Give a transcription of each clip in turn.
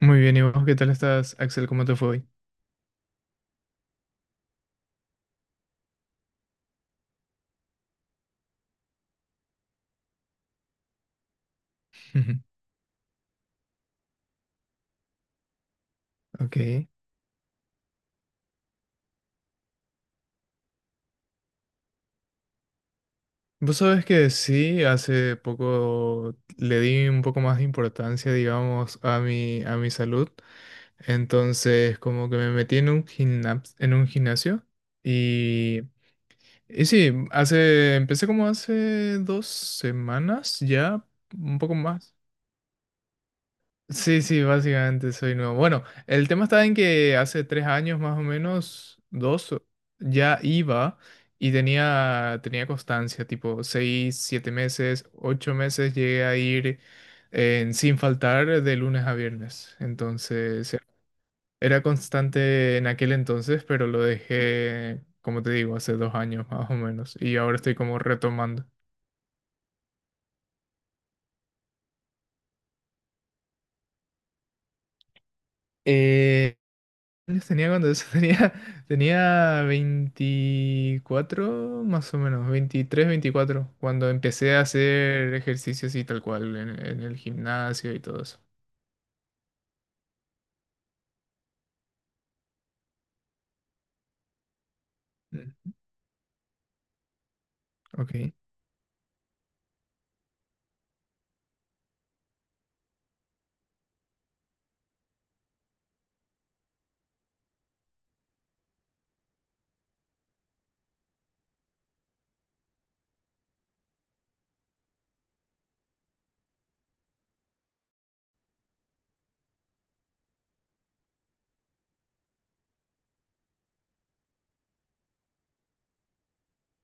Muy bien, ¿y vos qué tal estás, Axel? ¿Cómo te fue hoy? Ok. Vos sabés que sí, hace poco le di un poco más de importancia, digamos, a mi salud. Entonces, como que me metí en un gimnasio y, y sí, empecé como hace 2 semanas ya, un poco más. Sí, sí, básicamente soy nuevo. Bueno, el tema está en que hace 3 años más o menos, dos, ya iba y tenía constancia, tipo 6, 7 meses, 8 meses llegué a ir sin faltar de lunes a viernes. Entonces, era constante en aquel entonces, pero lo dejé, como te digo, hace 2 años más o menos y ahora estoy como retomando. ¿Años tenía cuando eso? Tenía 24 más o menos, 23 24 cuando empecé a hacer ejercicios y tal cual en el gimnasio y todo eso. Mm. Ok.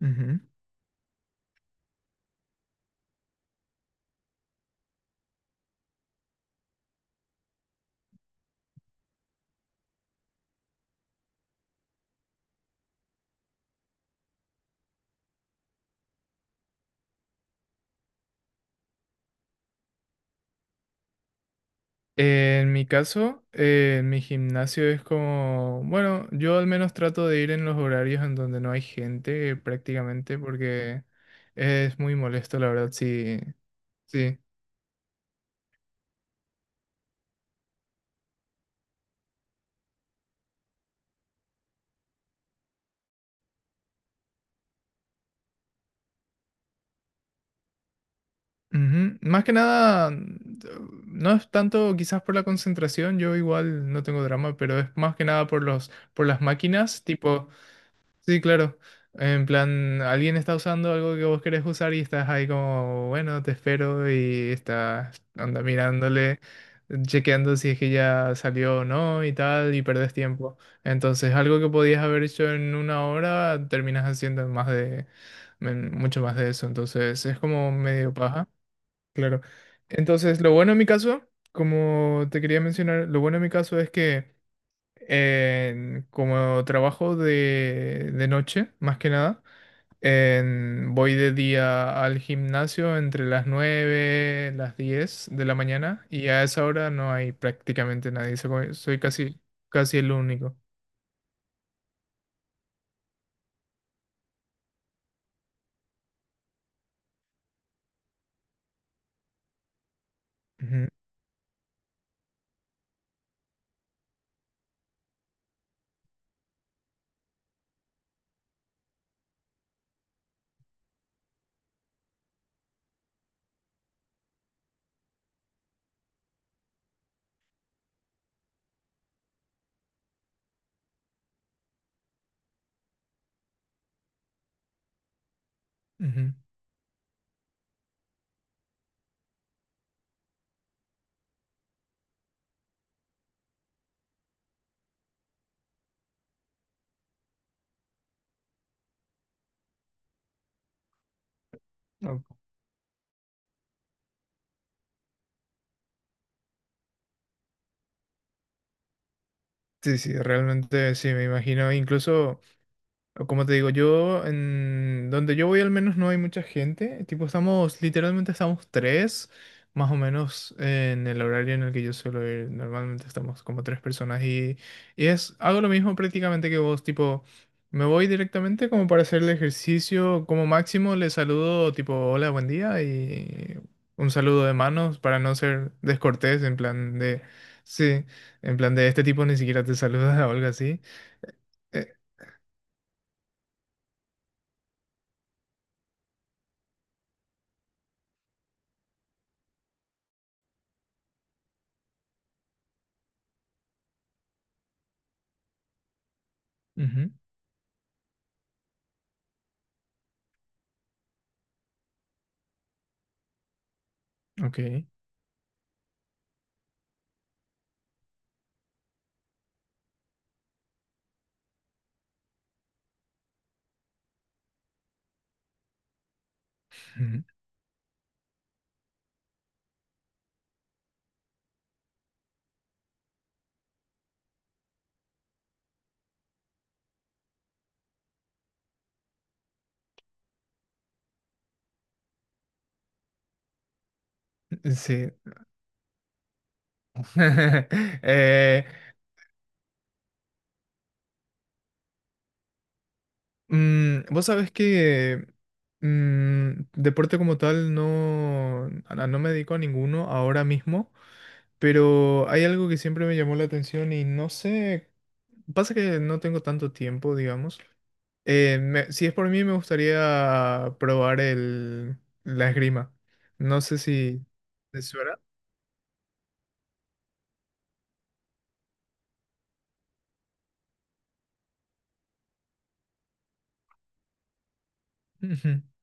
Ujú. En mi caso, mi gimnasio es como, bueno, yo al menos trato de ir en los horarios en donde no hay gente prácticamente porque es muy molesto, la verdad, sí, sí. Ujú. Más que nada, no es tanto quizás por la concentración, yo igual no tengo drama, pero es más que nada por las máquinas, tipo, sí, claro, en plan, alguien está usando algo que vos querés usar y estás ahí como, bueno, te espero y estás, anda mirándole, chequeando si es que ya salió o no y tal, y perdés tiempo. Entonces, algo que podías haber hecho en una hora, terminas haciendo en mucho más de eso, entonces es como medio paja. Claro. Entonces, lo bueno en mi caso, como te quería mencionar, lo bueno en mi caso es que como trabajo de noche, más que nada, voy de día al gimnasio entre las 9, las 10 de la mañana y a esa hora no hay prácticamente nadie. Soy casi, casi el único. Ujú, ujú. Oh, sí, sí, realmente sí, me imagino. Incluso... Como te digo, yo, en donde yo voy al menos no hay mucha gente. Tipo, literalmente estamos tres, más o menos en el horario en el que yo suelo ir. Normalmente estamos como tres personas y hago lo mismo prácticamente que vos, tipo, me voy directamente como para hacer el ejercicio. Como máximo le saludo tipo, hola, buen día y un saludo de manos para no ser descortés, en plan de, sí, en plan de este tipo ni siquiera te saluda o algo así. Eh, Ujú. Ok. Sí. Eh, Vos sabés que deporte como tal no, no me dedico a ninguno ahora mismo, pero hay algo que siempre me llamó la atención y no sé, pasa que no tengo tanto tiempo, digamos. Si es por mí, me gustaría probar la esgrima. No sé si... ¿Te suena?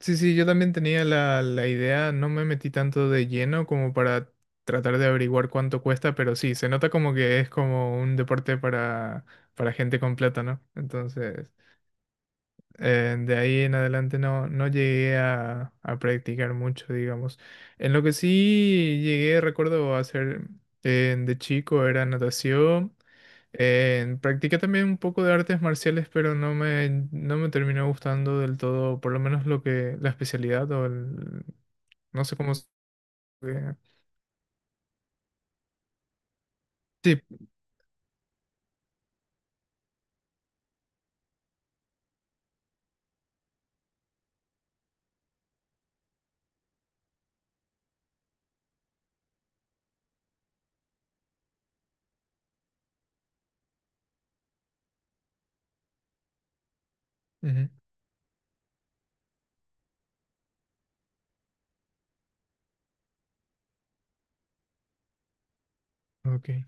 Sí, sí, yo también tenía la idea, no me metí tanto de lleno como para tratar de averiguar cuánto cuesta, pero sí, se nota como que es como un deporte para, gente con plata, ¿no? Entonces, de ahí en adelante no, no llegué a practicar mucho, digamos. En lo que sí llegué, recuerdo hacer de chico era natación. Practiqué también un poco de artes marciales, pero no me terminó gustando del todo, por lo menos lo que, la especialidad o el, no sé cómo se... Sí, ujú, ok.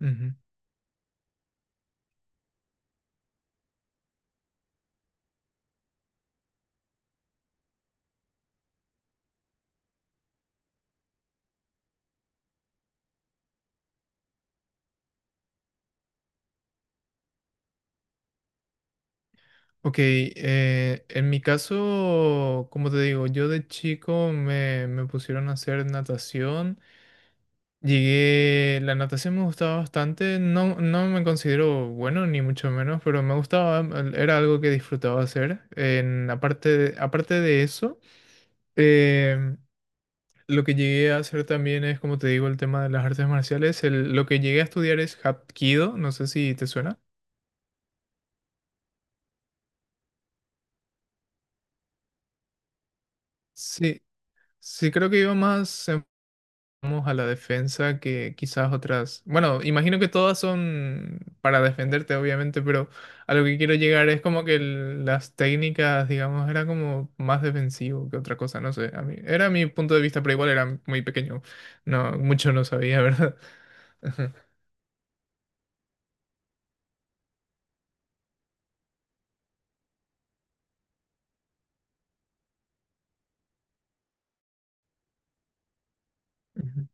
Ujú. Ok, en mi caso, como te digo, yo de chico me pusieron a hacer natación. Llegué, la natación me gustaba bastante, no, no me considero bueno ni mucho menos, pero me gustaba, era algo que disfrutaba hacer. Aparte de eso. Eh, lo que llegué a hacer también es, como te digo, el tema de las artes marciales. Lo que llegué a estudiar es Hapkido, no sé si te suena. Sí, sí, creo que iba más vamos, a la defensa que quizás otras. Bueno, imagino que todas son para defenderte, obviamente, pero a lo que quiero llegar es como que las técnicas, digamos, era como más defensivo que otra cosa, no sé. A mí, era mi punto de vista, pero igual era muy pequeño. No, mucho no sabía, ¿verdad? Ujú.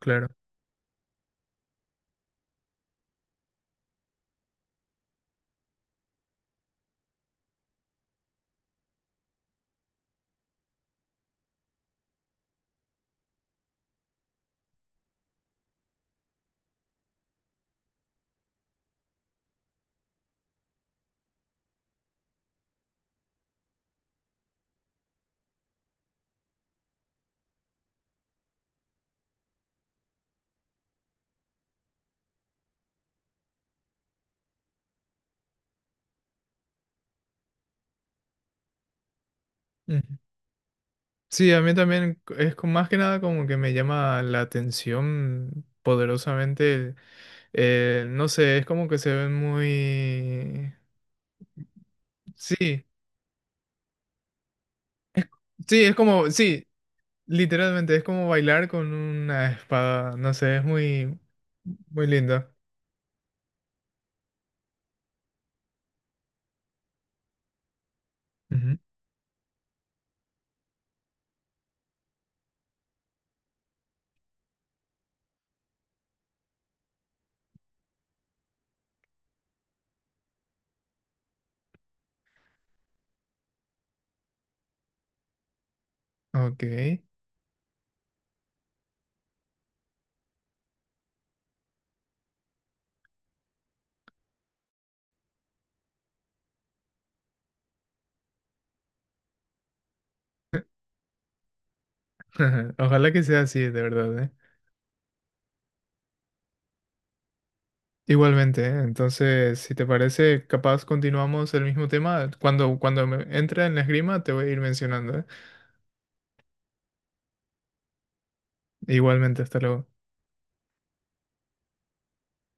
Claro. Sí, a mí también es más que nada como que me llama la atención poderosamente. No sé, es como que se ven muy... Sí, sí, es como, sí, literalmente es como bailar con una espada. No sé, es muy, muy lindo. Ujú. Ok. Ojalá que sea así, de verdad, ¿eh? Igualmente, ¿eh? Entonces, si te parece, capaz continuamos el mismo tema. Cuando me entre en la esgrima, te voy a ir mencionando, ¿eh? Igualmente, hasta luego.